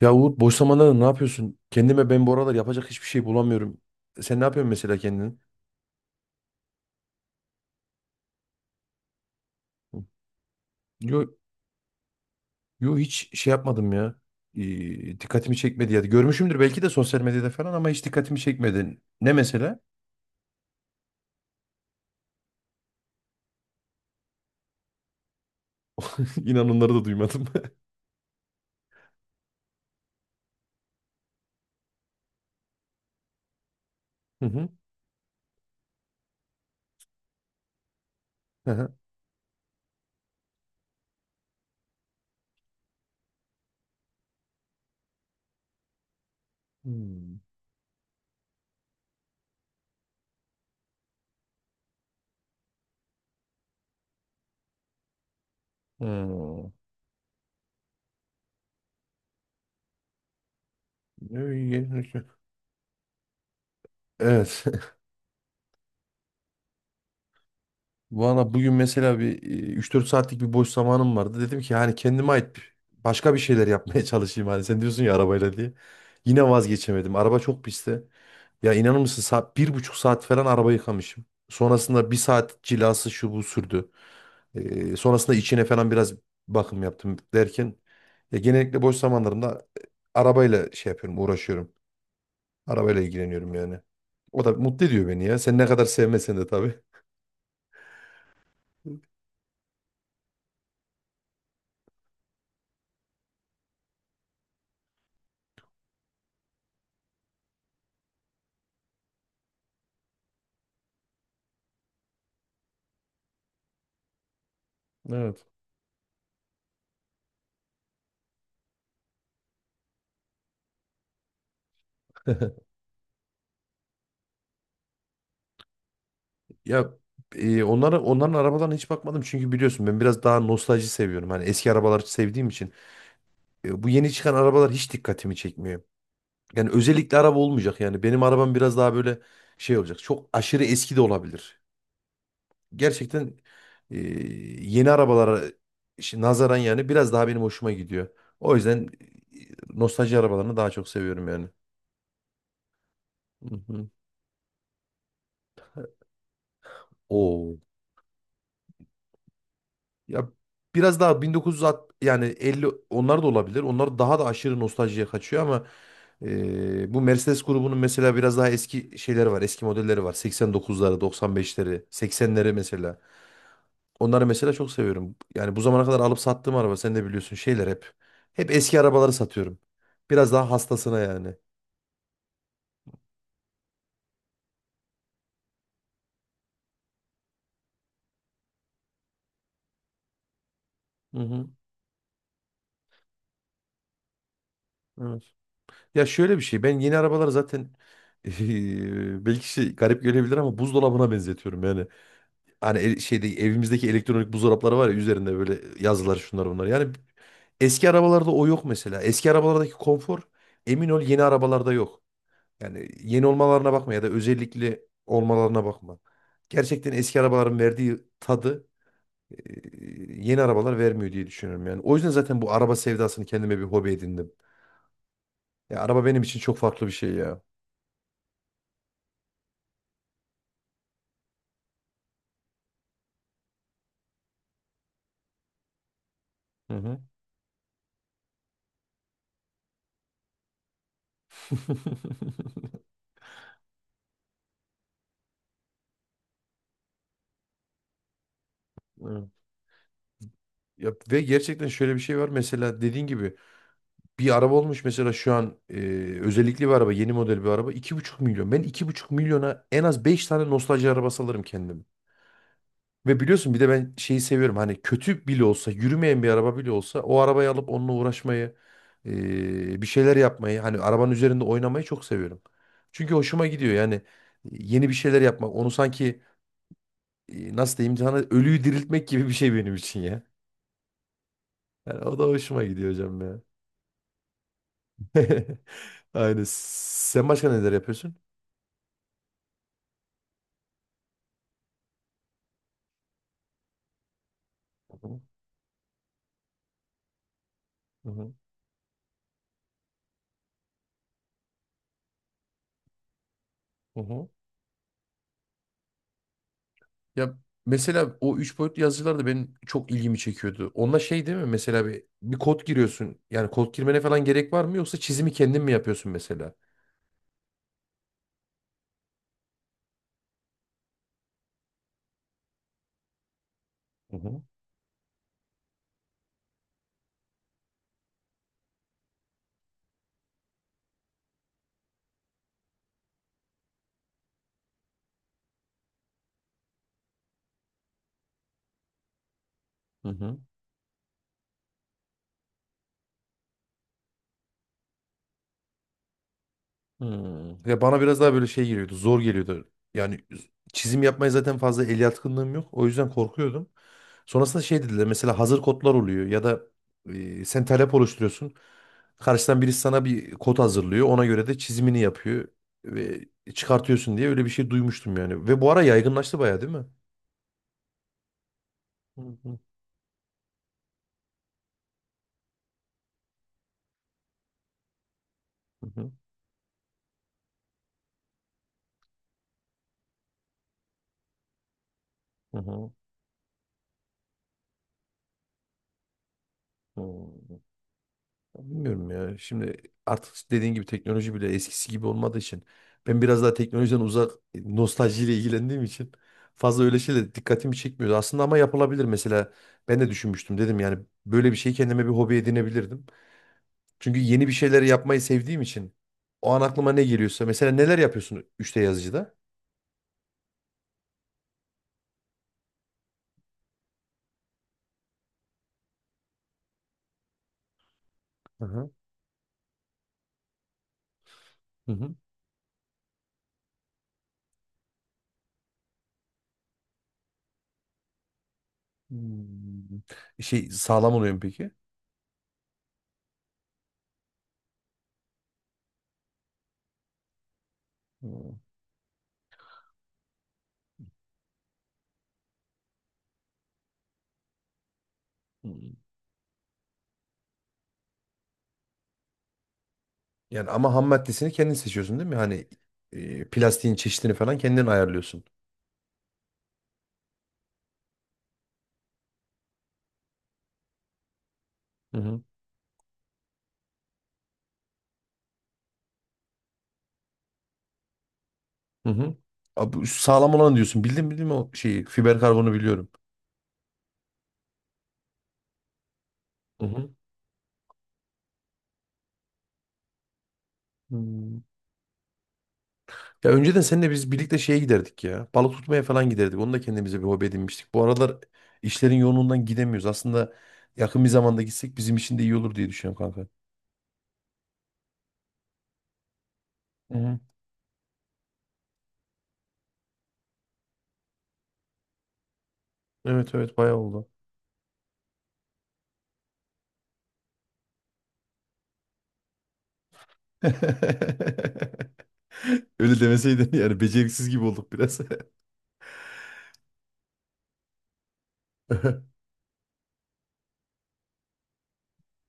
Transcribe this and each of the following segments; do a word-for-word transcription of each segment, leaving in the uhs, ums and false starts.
Ya Uğur, boş zamanlarda ne yapıyorsun? Kendime ben bu aralar yapacak hiçbir şey bulamıyorum. Sen ne yapıyorsun mesela kendin? Yo, yo hiç şey yapmadım ya. Ee, dikkatimi çekmedi ya. Görmüşümdür belki de sosyal medyada falan ama hiç dikkatimi çekmedi. Ne mesela? İnan onları da duymadım. Hı hı. Hı hı. Hmm. Hmm. Ee, Evet. Valla bugün mesela bir e, üç dört saatlik bir boş zamanım vardı. Dedim ki hani kendime ait bir- başka bir şeyler yapmaya çalışayım. Hani sen diyorsun ya arabayla diye. Yine vazgeçemedim. Araba çok pisti. Ya inanır mısın saat, bir buçuk saat falan araba yıkamışım. Sonrasında bir saat cilası şu bu sürdü. Ee, sonrasında içine falan biraz bakım yaptım derken ya genellikle boş zamanlarımda e, arabayla şey yapıyorum, uğraşıyorum. Arabayla ilgileniyorum yani. O da mutlu ediyor beni ya. Sen ne kadar sevmesen de tabii. Evet. Ya e, onlara, onların arabalarına hiç bakmadım çünkü biliyorsun ben biraz daha nostalji seviyorum. Hani eski arabaları sevdiğim için e, bu yeni çıkan arabalar hiç dikkatimi çekmiyor. Yani özellikle araba olmayacak, yani benim arabam biraz daha böyle şey olacak. Çok aşırı eski de olabilir. Gerçekten e, yeni arabalara şi- nazaran yani biraz daha benim hoşuma gidiyor. O yüzden e, nostalji arabalarını daha çok seviyorum yani. Hı hı. Ya biraz daha bin dokuz yüz altmış, yani elli, onlar da olabilir. Onlar daha da aşırı nostaljiye kaçıyor ama e, bu Mercedes grubunun mesela biraz daha eski şeyleri var. Eski modelleri var. seksen dokuzları, doksan beşleri, seksenleri mesela. Onları mesela çok seviyorum. Yani bu zamana kadar alıp sattığım araba, sen de biliyorsun, şeyler hep. Hep eski arabaları satıyorum. Biraz daha hastasına yani. Hı hı. Evet. Ya şöyle bir şey, ben yeni arabaları zaten belki şey garip gelebilir ama buzdolabına benzetiyorum yani. Hani el- şeyde, evimizdeki elektronik buzdolapları var ya, üzerinde böyle yazılar, şunlar bunlar. Yani eski arabalarda o yok mesela. Eski arabalardaki konfor, emin ol yeni arabalarda yok. Yani yeni olmalarına bakma ya da özellikli olmalarına bakma. Gerçekten eski arabaların verdiği tadı e, yeni arabalar vermiyor diye düşünüyorum yani. O yüzden zaten bu araba sevdasını kendime bir hobi edindim. Ya araba benim için çok farklı bir şey ya. Hı hı. Evet. Ya, ve gerçekten şöyle bir şey var, mesela dediğin gibi bir araba olmuş mesela şu an, e, özellikli bir araba, yeni model bir araba, iki buçuk milyon. Ben iki buçuk milyona en az beş tane nostalji arabası alırım kendime. Ve biliyorsun bir de ben şeyi seviyorum, hani kötü bile olsa, yürümeyen bir araba bile olsa o arabayı alıp onunla uğraşmayı, e, bir şeyler yapmayı, hani arabanın üzerinde oynamayı çok seviyorum. Çünkü hoşuma gidiyor yani, e, yeni bir şeyler yapmak, onu sanki, e, nasıl diyeyim sana, ölüyü diriltmek gibi bir şey benim için ya. Yani o da hoşuma gidiyor hocam ya. Aynen. Sen başka neler yapıyorsun? Hı hı. Hı hı. Ya mesela o üç boyutlu yazıcılar da benim çok ilgimi çekiyordu. Onda şey değil mi? Mesela bir, bir kod giriyorsun. Yani kod girmene falan gerek var mı? Yoksa çizimi kendin mi yapıyorsun mesela? Hı hı. Hı hı. Hmm. Ya bana biraz daha böyle şey geliyordu. Zor geliyordu. Yani çizim yapmaya zaten fazla el yatkınlığım yok. O yüzden korkuyordum. Sonrasında şey dediler, mesela hazır kodlar oluyor ya da e, sen talep oluşturuyorsun. Karşıdan birisi sana bir kod hazırlıyor. Ona göre de çizimini yapıyor ve çıkartıyorsun diye öyle bir şey duymuştum yani. Ve bu ara yaygınlaştı bayağı, değil mi? Hı hı, hı hı, hı hı. Bilmiyorum ya. Şimdi artık dediğin gibi teknoloji bile eskisi gibi olmadığı için, ben biraz daha teknolojiden uzak nostaljiyle ilgilendiğim için fazla öyle şeyle dikkatimi çekmiyor. Aslında ama yapılabilir mesela. Ben de düşünmüştüm, dedim yani böyle bir şeyi kendime bir hobi edinebilirdim. Çünkü yeni bir şeyleri yapmayı sevdiğim için, o an aklıma ne geliyorsa mesela, neler yapıyorsun üç D yazıcıda? Hı hı. Hı hı. Hmm. Şey sağlam oluyor mu peki? Hmm. Yani ama ham maddesini kendin seçiyorsun değil mi? Hani e, plastiğin çeşidini falan kendin ayarlıyorsun. Hı hı. Hı hı. Abi, bu sağlam olanı diyorsun. Bildim bildim o şeyi. Fiber karbonu biliyorum. Hı hı. Hmm. Ya önceden seninle biz birlikte şeye giderdik ya. Balık tutmaya falan giderdik. Onu da kendimize bir hobi edinmiştik. Bu aralar işlerin yoğunluğundan gidemiyoruz. Aslında yakın bir zamanda gitsek bizim için de iyi olur diye düşünüyorum kanka. Hı hı. Evet, evet, bayağı oldu. Öyle demeseydin, yani beceriksiz gibi olduk biraz.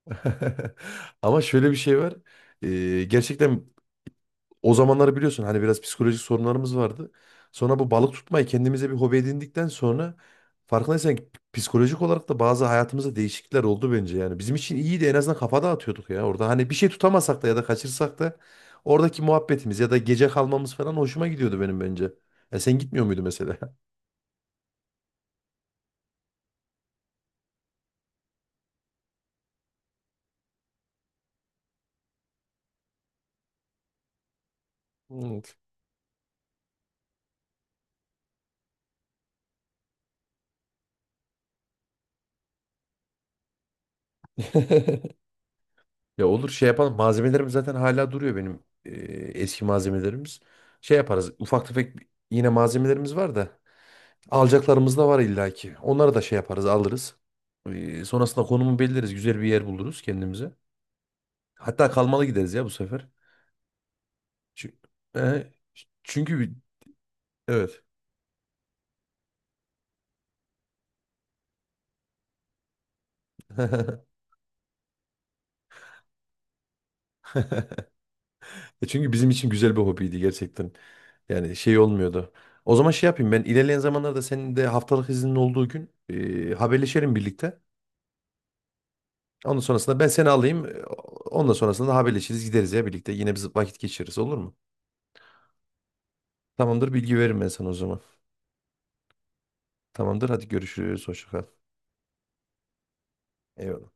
Ama şöyle bir şey var. Ee, gerçekten o zamanları biliyorsun, hani biraz psikolojik sorunlarımız vardı. Sonra bu balık tutmayı kendimize bir hobi edindikten sonra, farkındaysan ki psikolojik olarak da bazı hayatımızda değişiklikler oldu bence yani. Bizim için iyiydi, en azından kafa dağıtıyorduk ya orada. Hani bir şey tutamasak da ya da kaçırsak da, oradaki muhabbetimiz ya da gece kalmamız falan hoşuma gidiyordu benim bence. Ya sen gitmiyor muydu mesela? Evet. Ya olur, şey yapalım. Malzemelerim zaten hala duruyor benim, e, eski malzemelerimiz. Şey yaparız. Ufak tefek yine malzemelerimiz var da. Alacaklarımız da var illaki. Onları da şey yaparız, alırız. E, sonrasında konumu belirleriz. Güzel bir yer buluruz kendimize. Hatta kalmalı gideriz ya bu sefer. Çünkü, çünkü bi- evet. E Çünkü bizim için güzel bir hobiydi gerçekten. Yani şey olmuyordu. O zaman şey yapayım, ben ilerleyen zamanlarda senin de haftalık iznin olduğu gün e, haberleşelim birlikte. Onun sonrasında ben seni alayım. e, Ondan sonrasında da haberleşiriz, gideriz ya birlikte. Yine biz vakit geçiririz, olur mu? Tamamdır, bilgi veririm ben sana o zaman. Tamamdır, hadi görüşürüz. Hoşça kal. Eyvallah.